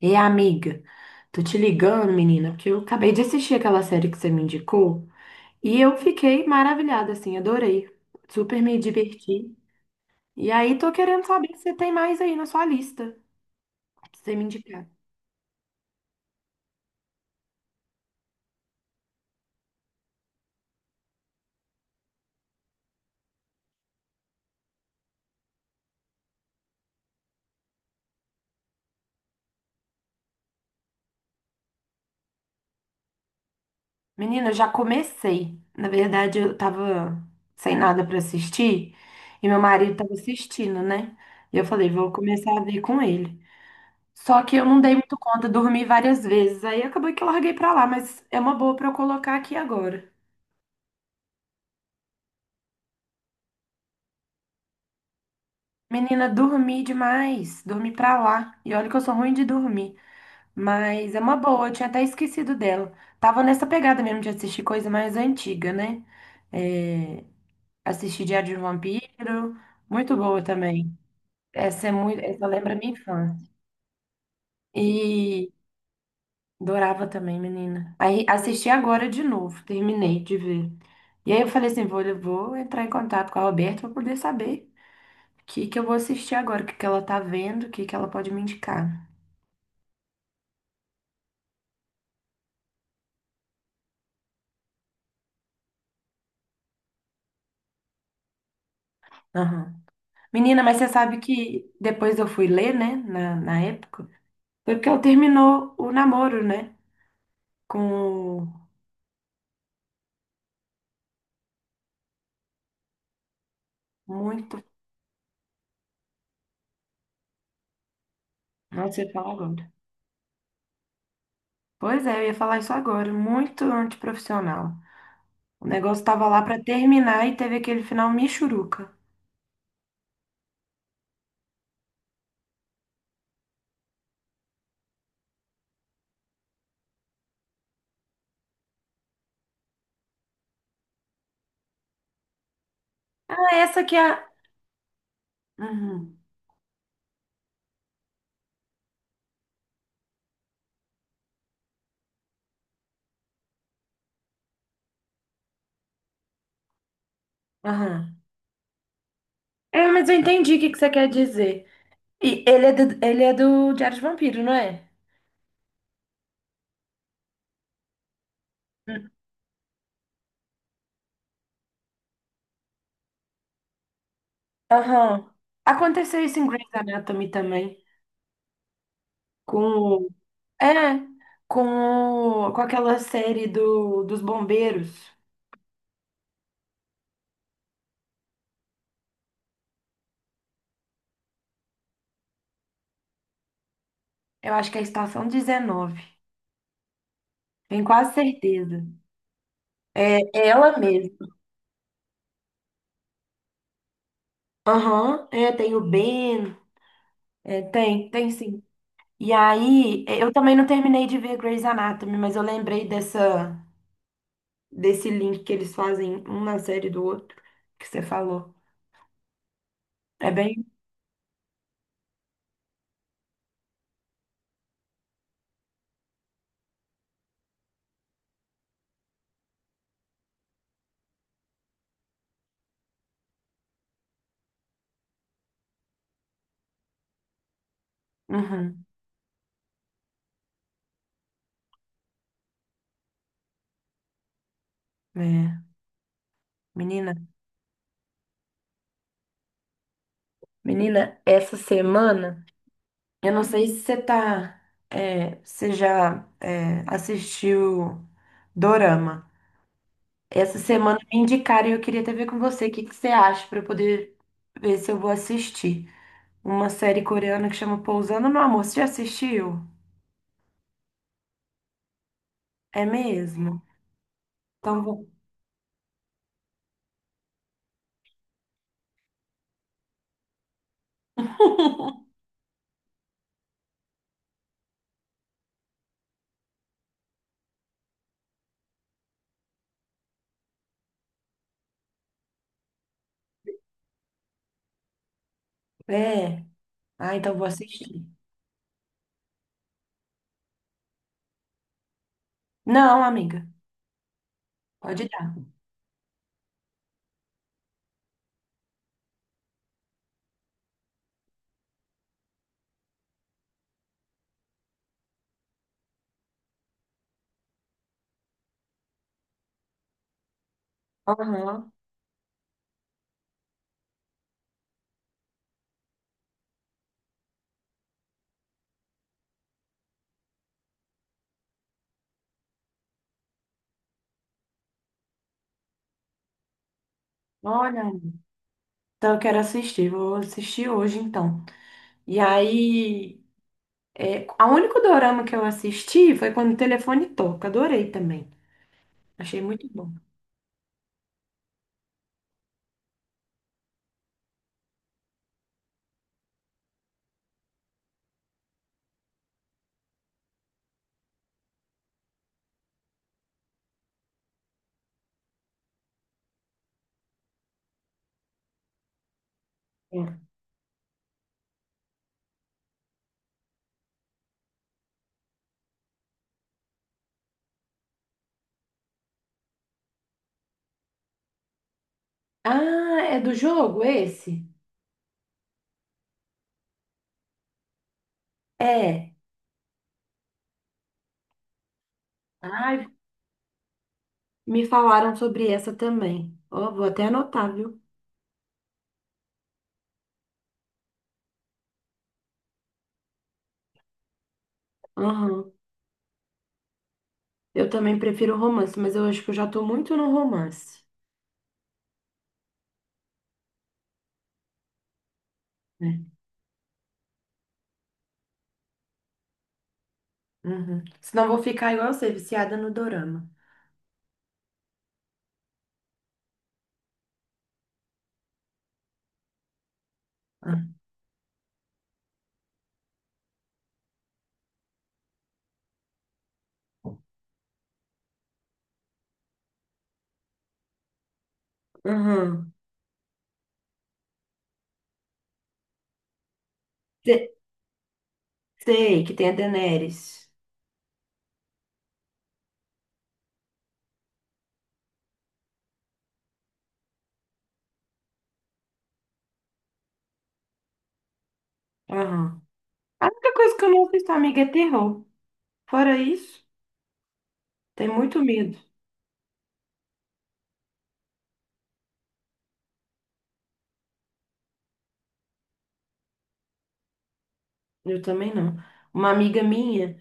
E amiga, tô te ligando, menina, porque eu acabei de assistir aquela série que você me indicou e eu fiquei maravilhada, assim, adorei. Super me diverti. E aí tô querendo saber se você tem mais aí na sua lista pra você me indicar. Menina, eu já comecei. Na verdade, eu tava sem nada pra assistir e meu marido tava assistindo, né? E eu falei, vou começar a ver com ele. Só que eu não dei muito conta, dormi várias vezes. Aí acabou que eu larguei pra lá, mas é uma boa pra eu colocar aqui agora. Menina, dormi demais, dormi pra lá. E olha que eu sou ruim de dormir, mas é uma boa, eu tinha até esquecido dela. Tava nessa pegada mesmo de assistir coisa mais antiga, né? É, assisti Diário de um Vampiro, muito boa também. Essa é muito, essa lembra minha infância. E adorava também, menina. Aí assisti agora de novo, terminei de ver. E aí eu falei assim, vou, eu vou entrar em contato com a Roberta pra poder saber o que que eu vou assistir agora, o que que ela tá vendo, o que que ela pode me indicar. Aham. Menina, mas você sabe que depois eu fui ler, né, na época, foi porque eu terminou o namoro, né, com muito... não sei ia falar agora. Pois é, eu ia falar isso agora, muito antiprofissional. O negócio tava lá pra terminar e teve aquele final michuruca. Ah, essa que é... Uhum, aham. É, mas eu entendi o que que você quer dizer. E ele é do Diário de Vampiro, não é? Hum. Aham. Aconteceu isso em Grey's Anatomy também, com É, com, com aquela série dos bombeiros. Eu acho que é a Estação 19. Tenho quase certeza. É ela mesma. Aham, é, tem o Ben. É, tem sim. E aí, eu também não terminei de ver Grey's Anatomy, mas eu lembrei dessa, desse link que eles fazem um na série do outro, que você falou. É bem. Uhum, é. Menina, menina, essa semana. Eu não sei se você tá, você já assistiu Dorama. Essa semana me indicaram e eu queria até ver com você o que que você acha para eu poder ver se eu vou assistir. Uma série coreana que chama Pousando no Amor. Você já assistiu? É mesmo? Então vou. É. Ah, então vou assistir. Não, amiga. Pode dar. Aham. Olha, então eu quero assistir. Vou assistir hoje, então. E aí. É, a único dorama que eu assisti foi quando o telefone toca. Adorei também. Achei muito bom. É. Ah, é do jogo esse? É. Ai, me falaram sobre essa também. Ó, vou até anotar, viu? Aham. Eu também prefiro romance, mas eu acho que eu já tô muito no romance. Né? Uhum. Senão eu vou ficar igual você, viciada no dorama. Ah, aham. Se- Sei que tem a Daenerys. Aham. A única coisa que eu não assisto, amiga, é terror. Fora isso, tem muito medo. Eu também não. Uma amiga minha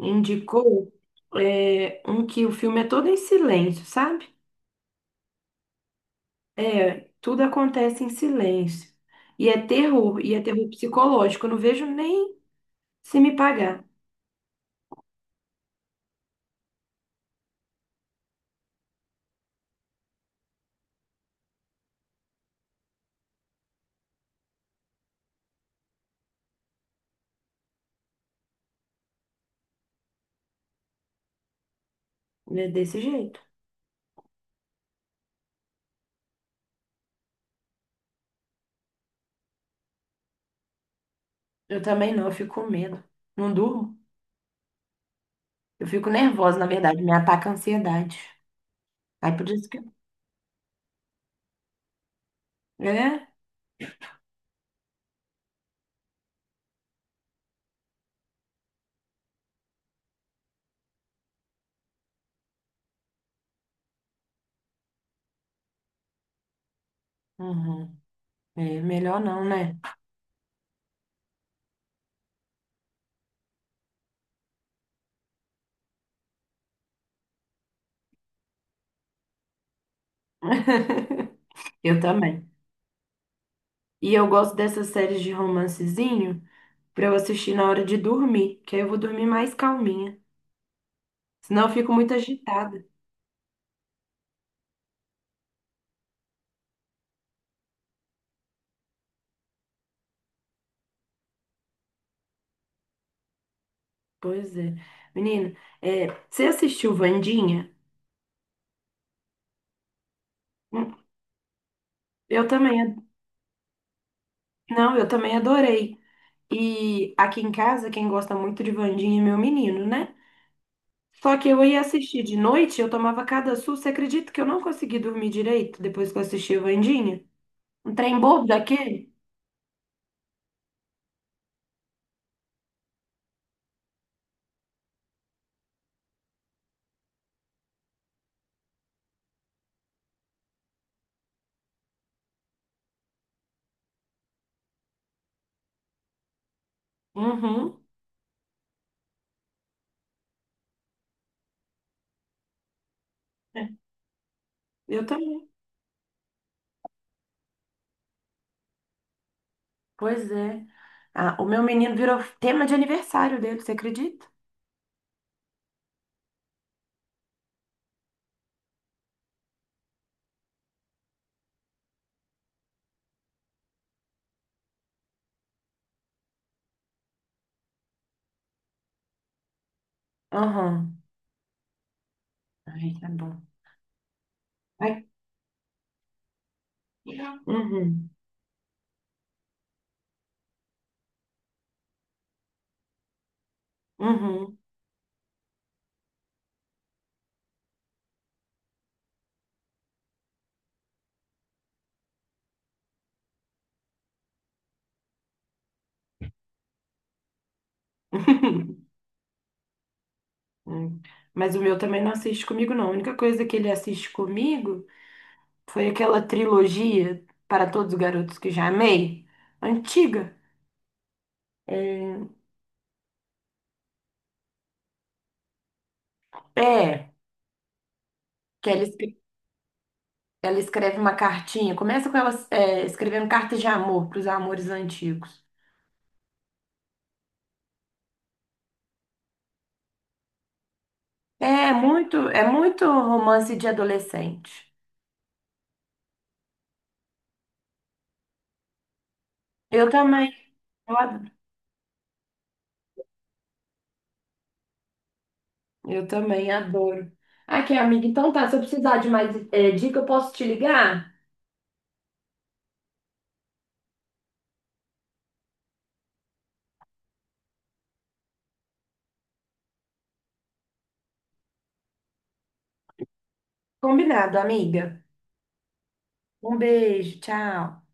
indicou um que o filme é todo em silêncio, sabe? É, tudo acontece em silêncio. E é terror psicológico. Eu não vejo nem se me pagar. É desse jeito. Eu também não, eu fico com medo. Não durmo. Eu fico nervosa, na verdade, me ataca a ansiedade. Aí por isso que. É? Uhum. É melhor não, né? Eu também. E eu gosto dessas séries de romancezinho pra eu assistir na hora de dormir, que aí eu vou dormir mais calminha. Senão eu fico muito agitada. Pois é. Menina, você assistiu Wandinha? Hum, Eu também. Não, eu também adorei. E aqui em casa, quem gosta muito de Wandinha é meu menino, né? Só que eu ia assistir de noite, eu tomava cada susto. Você acredita que eu não consegui dormir direito depois que eu assisti a Wandinha? Um trem bobo daquele? Uhum. É, eu também. Pois é. Ah, o meu menino virou tema de aniversário dele, você acredita? Aham. Ai, tá bom. Ai. Uhum. Uhum. Hum. Mas o meu também não assiste comigo, não. A única coisa que ele assiste comigo foi aquela trilogia Para Todos os Garotos que Já Amei, antiga. É, é, que ela, ela escreve uma cartinha. Começa com ela, é, escrevendo cartas de amor para os amores antigos. É muito romance de adolescente. Eu também, eu adoro. Eu também adoro. Aqui, amiga, então tá. Se eu precisar de mais dica, eu posso te ligar? Combinado, amiga. Um beijo, tchau.